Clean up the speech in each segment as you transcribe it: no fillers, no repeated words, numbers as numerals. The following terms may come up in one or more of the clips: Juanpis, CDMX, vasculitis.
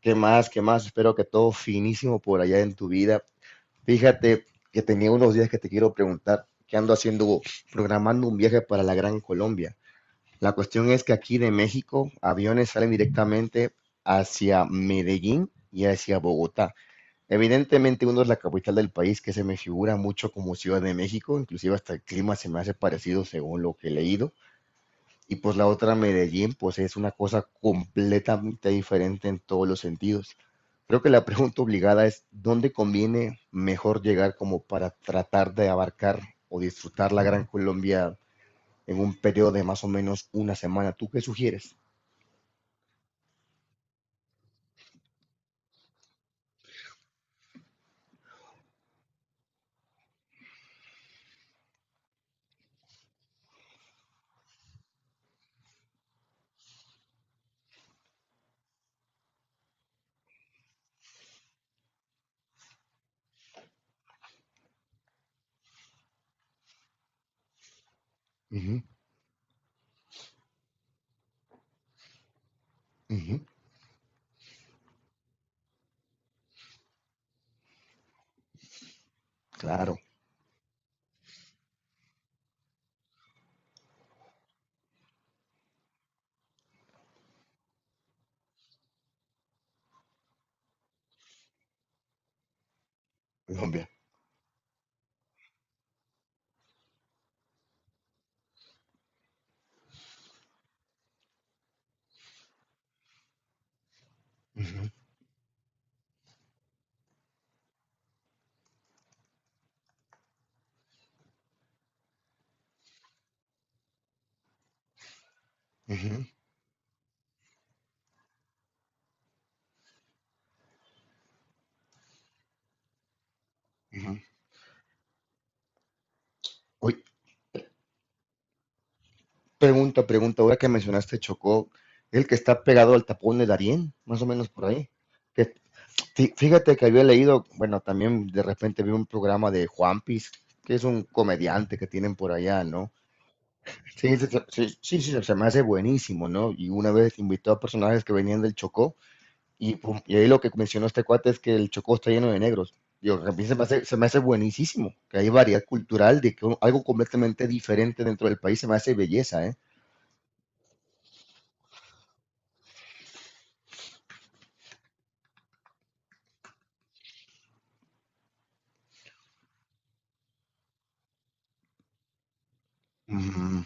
¿Qué más? ¿Qué más? Espero que todo finísimo por allá en tu vida. Fíjate que tenía unos días que te quiero preguntar, ¿qué ando haciendo? Programando un viaje para la Gran Colombia. La cuestión es que aquí de México, aviones salen directamente hacia Medellín y hacia Bogotá. Evidentemente uno es la capital del país que se me figura mucho como Ciudad de México, inclusive hasta el clima se me hace parecido según lo que he leído. Y pues la otra, Medellín, pues es una cosa completamente diferente en todos los sentidos. Creo que la pregunta obligada es, ¿dónde conviene mejor llegar como para tratar de abarcar o disfrutar la Gran Colombia en un periodo de más o menos una semana? ¿Tú qué sugieres? Ujú, ujú, claro, Colombia. Ujú, ujú, ujú. Oye, pregunta, pregunta, ahora que mencionaste Chocó, el que está pegado al tapón de Darién, más o menos por ahí, Fíjate que había leído, bueno, también de repente vi un programa de Juanpis, que es un comediante que tienen por allá, ¿no? Sí, sí, sí, sí, sí, se me hace buenísimo, ¿no? Y una vez invitó a personajes que venían del Chocó, y pum, y ahí lo que mencionó este cuate es que el Chocó está lleno de negros. Digo, a mí se me hace buenísimo, que hay variedad cultural, de que algo completamente diferente dentro del país se me hace belleza, ¿eh? Ujú,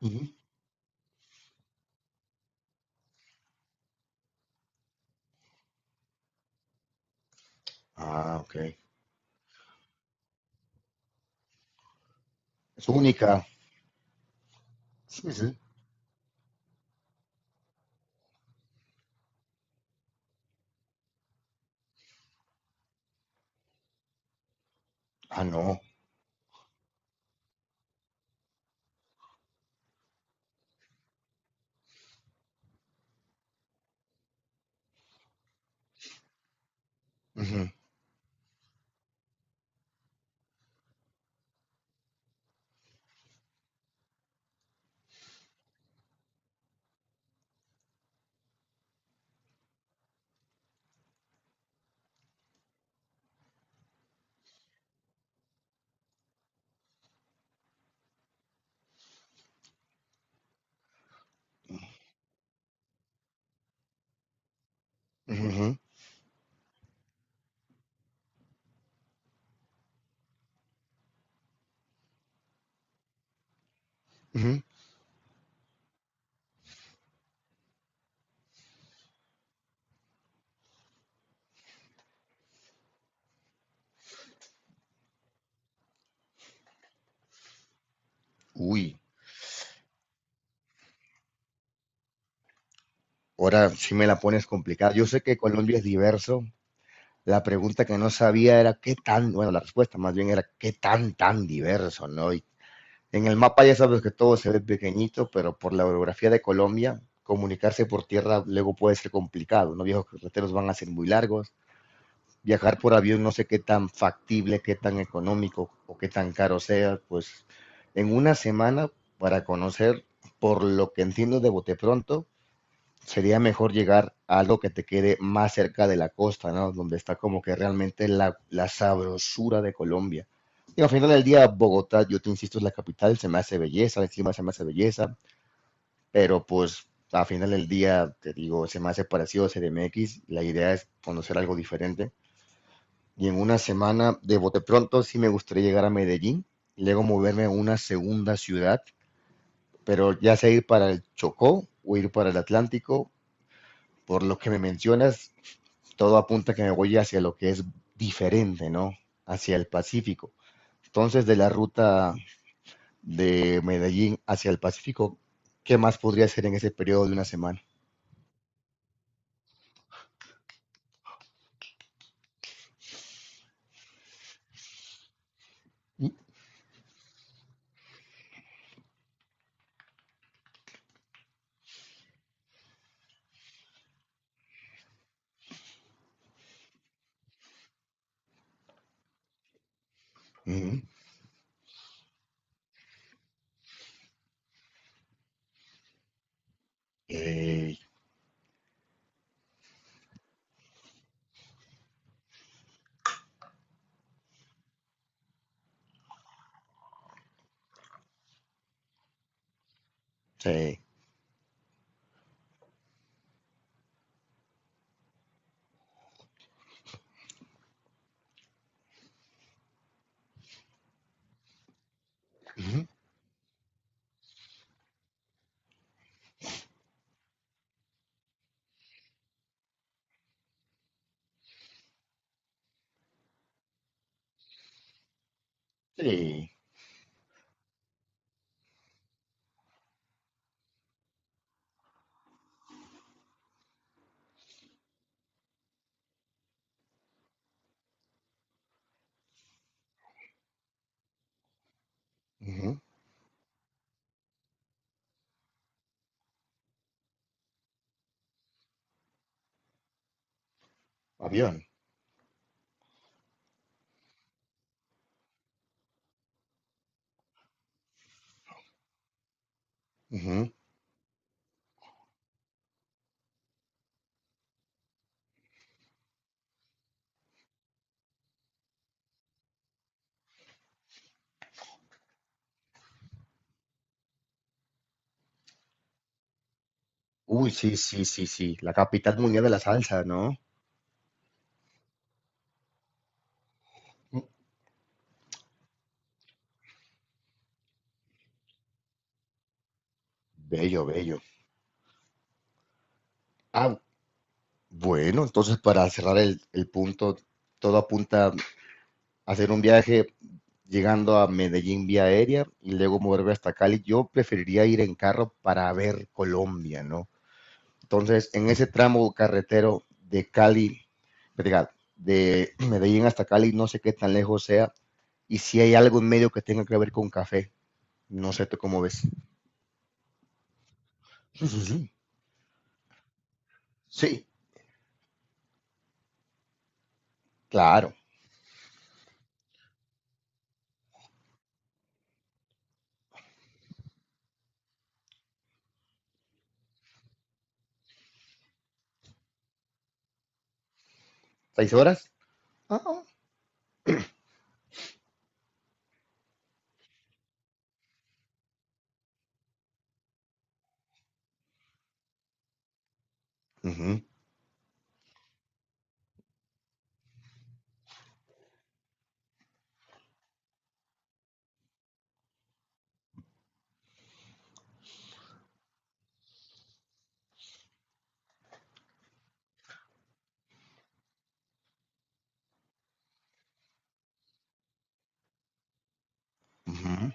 ujú. Ah, ok. Es única. Sí, sí. Ah, no. Ujú, ujú, ujú, ujú. Uy. Ahora sí me la pones complicada. Yo sé que Colombia es diverso. La pregunta que no sabía era qué tan, bueno, la respuesta más bien era qué tan, tan diverso, ¿no? Y en el mapa ya sabes que todo se ve pequeñito, pero por la orografía de Colombia, comunicarse por tierra luego puede ser complicado, ¿no? Viejos carreteros van a ser muy largos. Viajar por avión no sé qué tan factible, qué tan económico o qué tan caro sea, pues en una semana para conocer, por lo que entiendo de bote pronto, sería mejor llegar a algo que te quede más cerca de la costa, ¿no? Donde está como que realmente la sabrosura de Colombia. Y al final del día, Bogotá, yo te insisto, es la capital, se me hace belleza, encima se me hace belleza, pero pues al final del día, te digo, se me hace parecido a CDMX, la idea es conocer algo diferente. Y en una semana, de bote pronto, sí me gustaría llegar a Medellín, y luego moverme a una segunda ciudad, pero ya sea ir para el Chocó o ir para el Atlántico, por lo que me mencionas, todo apunta que me voy hacia lo que es diferente, ¿no? Hacia el Pacífico. Entonces, de la ruta de Medellín hacia el Pacífico, ¿qué más podría hacer en ese periodo de una semana? Ujú. Eh, sí. Ujú. Sí. Ujú. Avión. Ujú. Uy, sí, sí, sí, sí. La capital mundial de la salsa, ¿no? Ujú. Bello, bello. Ah, bueno, entonces para cerrar el punto, todo apunta hacer un viaje llegando a Medellín vía aérea y luego moverme hasta Cali. Yo preferiría ir en carro para ver Colombia, ¿no? Entonces, en ese tramo carretero de Cali, diga, de Medellín hasta Cali, no sé qué tan lejos sea, y si hay algo en medio que tenga que ver con café, no sé tú cómo ves. Sí, sí, sí. Sí, claro. ¿Seis horas? Ah, ah. Ujú, ujú,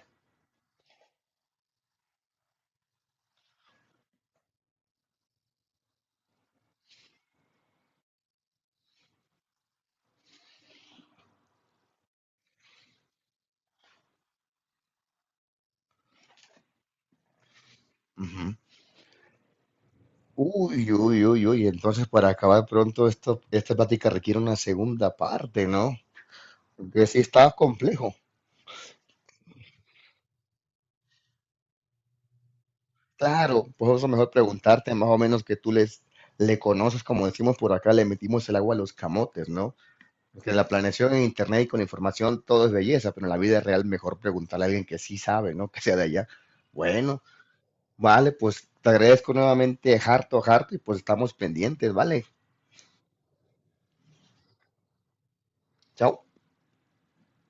ujú. Uy, uy, uy, uy. Entonces, para acabar pronto, esto, esta plática requiere una segunda parte, ¿no? Porque sí está complejo. Claro, por eso mejor preguntarte más o menos que tú les, le conoces, como decimos por acá, le metimos el agua a los camotes, ¿no? Porque la planeación en internet y con información todo es belleza, pero en la vida real mejor preguntarle a alguien que sí sabe, ¿no? Que sea de allá. Bueno, vale, pues te agradezco nuevamente, harto, harto, y pues estamos pendientes, ¿vale? Chao.